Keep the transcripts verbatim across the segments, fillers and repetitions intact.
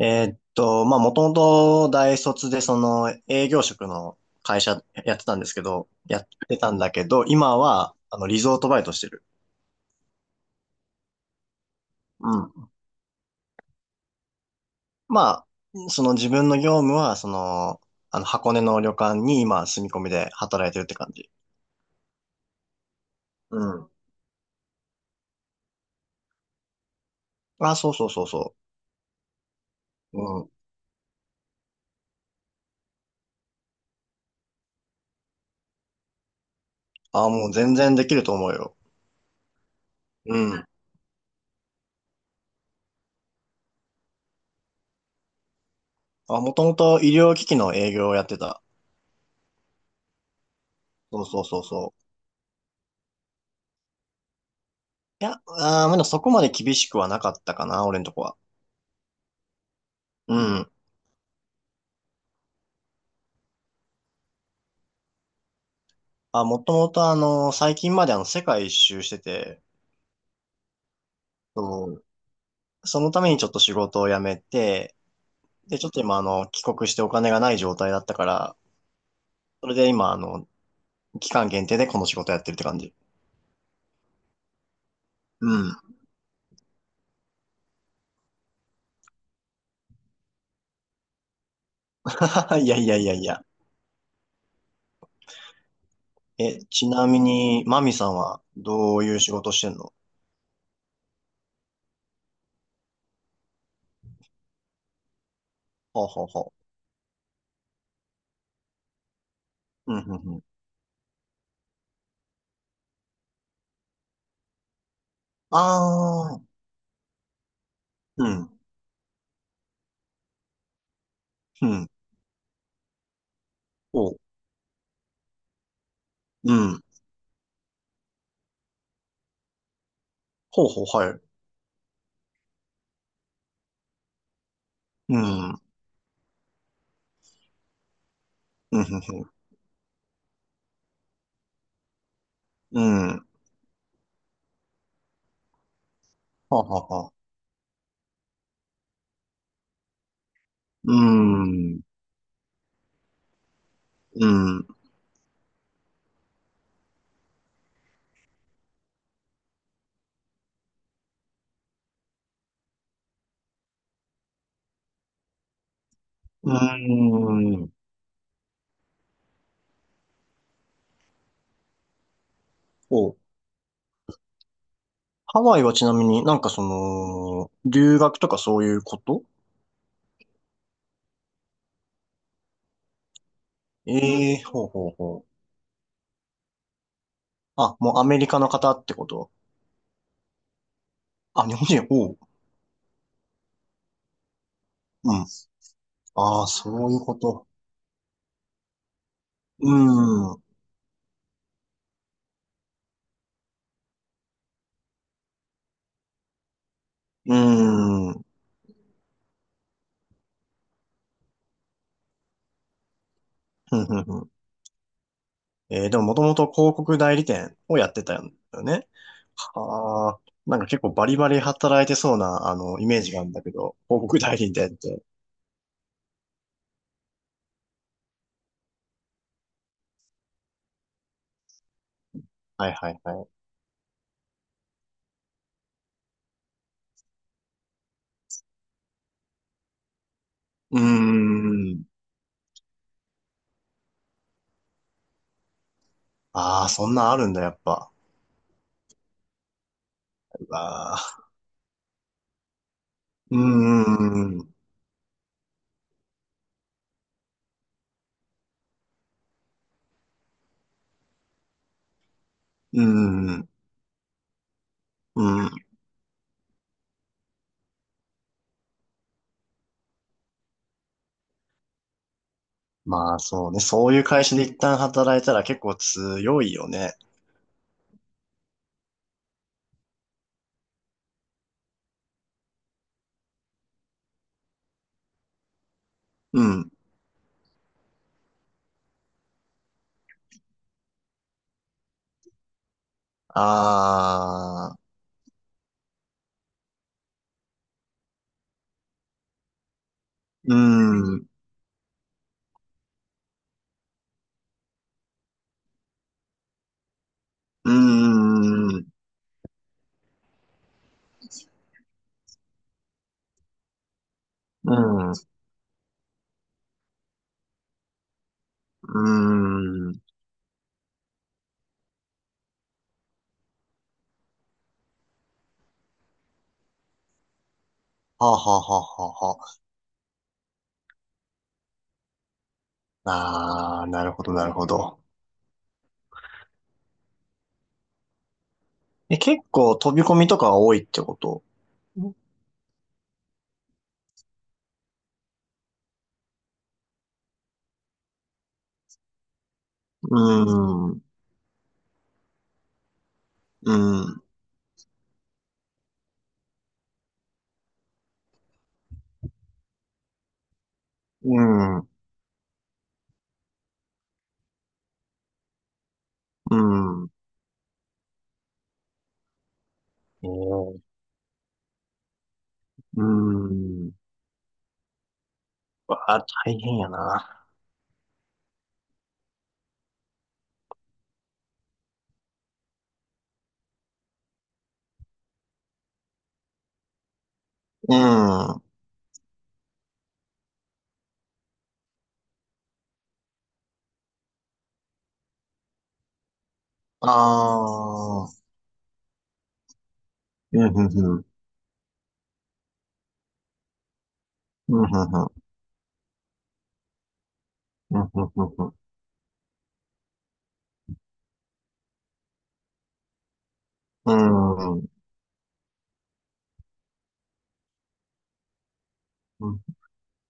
えーっと、まあ、もともと大卒でその営業職の会社やってたんですけど、やってたんだけど、今は、あの、リゾートバイトしてる。うん。まあ、その自分の業務は、その、あの、箱根の旅館に今住み込みで働いてるって感じ。うん。あ、そうそうそうそう。うん。あ、もう全然できると思うよ。うん。あ、もともと医療機器の営業をやってた。そうそうそうそう。いや、あー、まだそこまで厳しくはなかったかな、俺のとこは。うん。あ、もともとあの、最近まであの、世界一周してて、そうそのためにちょっと仕事を辞めて、で、ちょっと今あの、帰国してお金がない状態だったから、それで今あの、期間限定でこの仕事やってるって感じ。うん。いやいやいやいや。え、ちなみに、マミさんはどういう仕事してんの？ほうほうほう。うん、うん、うん。あー、うん、うん、ほう、うん。ほうほう、はい。うん、うん、うん、うん。うん、ははは。うん、うん。うーん。お、ハワイはちなみになんかその、留学とかそういうこと？ええー、ほうほうほう。あ、もうアメリカの方ってこと？あ、日本人、おう。うん。ああ、そういうこと。うーん。うーん。ふんふんふん。えー、でももともと広告代理店をやってたんだよね。はあ。なんか結構バリバリ働いてそうな、あの、イメージがあるんだけど、広告代理店って。はいはいはい。うーん。ああ、そんなんあるんだ、やっぱ。ああ、うーん、うーん、うん。まあそうね、そういう会社で一旦働いたら結構強いよね。うん。ああ、うーん、うーん、うん、うーん。はあはあはあはあはあ。ああ、なるほど、なるほど。え、結構飛び込みとかが多いってこと？うーん、うん、うん、うん。えー、うーん。わあ、大変やな。うん、ああ、うん、うんうん。うん、うんうん。うん、ん、うん。うん。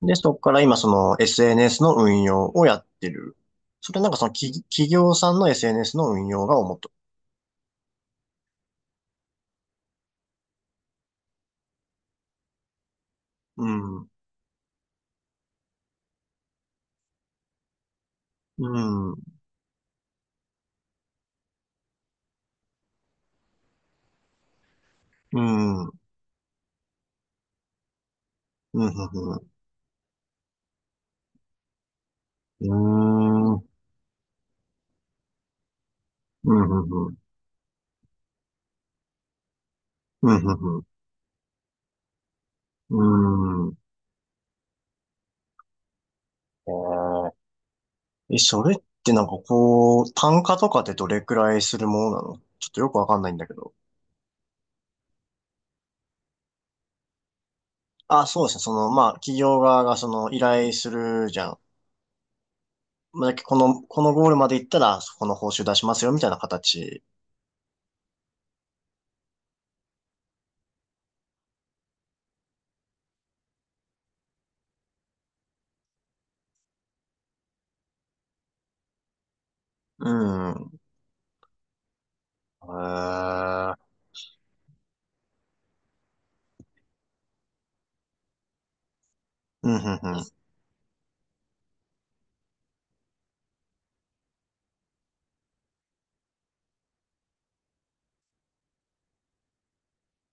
で、そこから今その エスエヌエス の運用をやってる。それなんかその企、企業さんの エスエヌエス の運用が主と？うん。うん。うん。うん。うん。うん。うん。うん。うん。うん。えー、え、それってなんかこう、単価とかってどれくらいするものなの？ちょっとよくわかんないんだけど。あ、そうですね。その、まあ、企業側がその依頼するじゃん。まあ、この、このゴールまで行ったら、そこの報酬出しますよ、みたいな形。うん。へー、うん、うん、うん。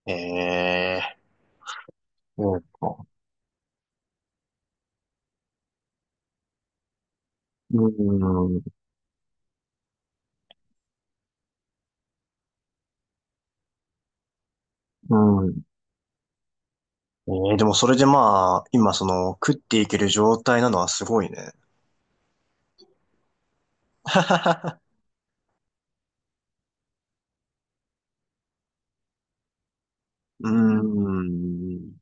ええ、そうか、うん、うん。ええ、でもそれでまあ、今その、食っていける状態なのはすごいね。うん、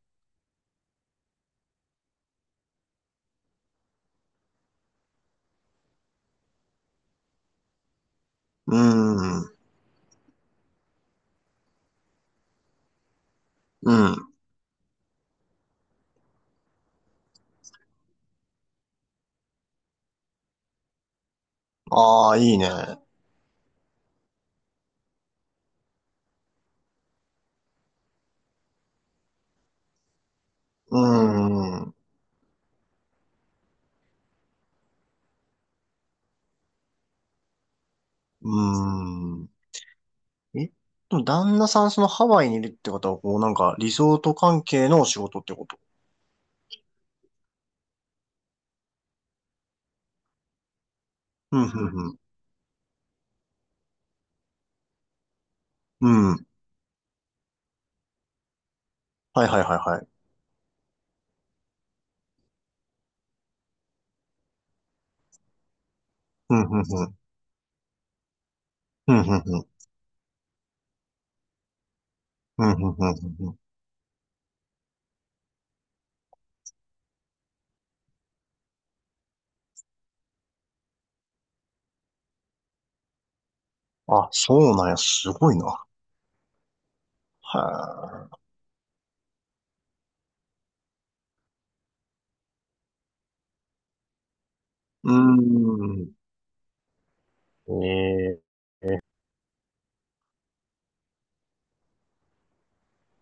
うん、うん。ああ、いいね。うん、うん。え、でも旦那さんそのハワイにいるってことは、こうなんかリゾート関係のお仕事ってこと？うん、うん、うん。うん。はいはいはいはい。うん、うん、うん。うん、うん、うん。うん、うん、うん。うんうん。あ、そうなんや、すごいな。はあ。うーん。ええ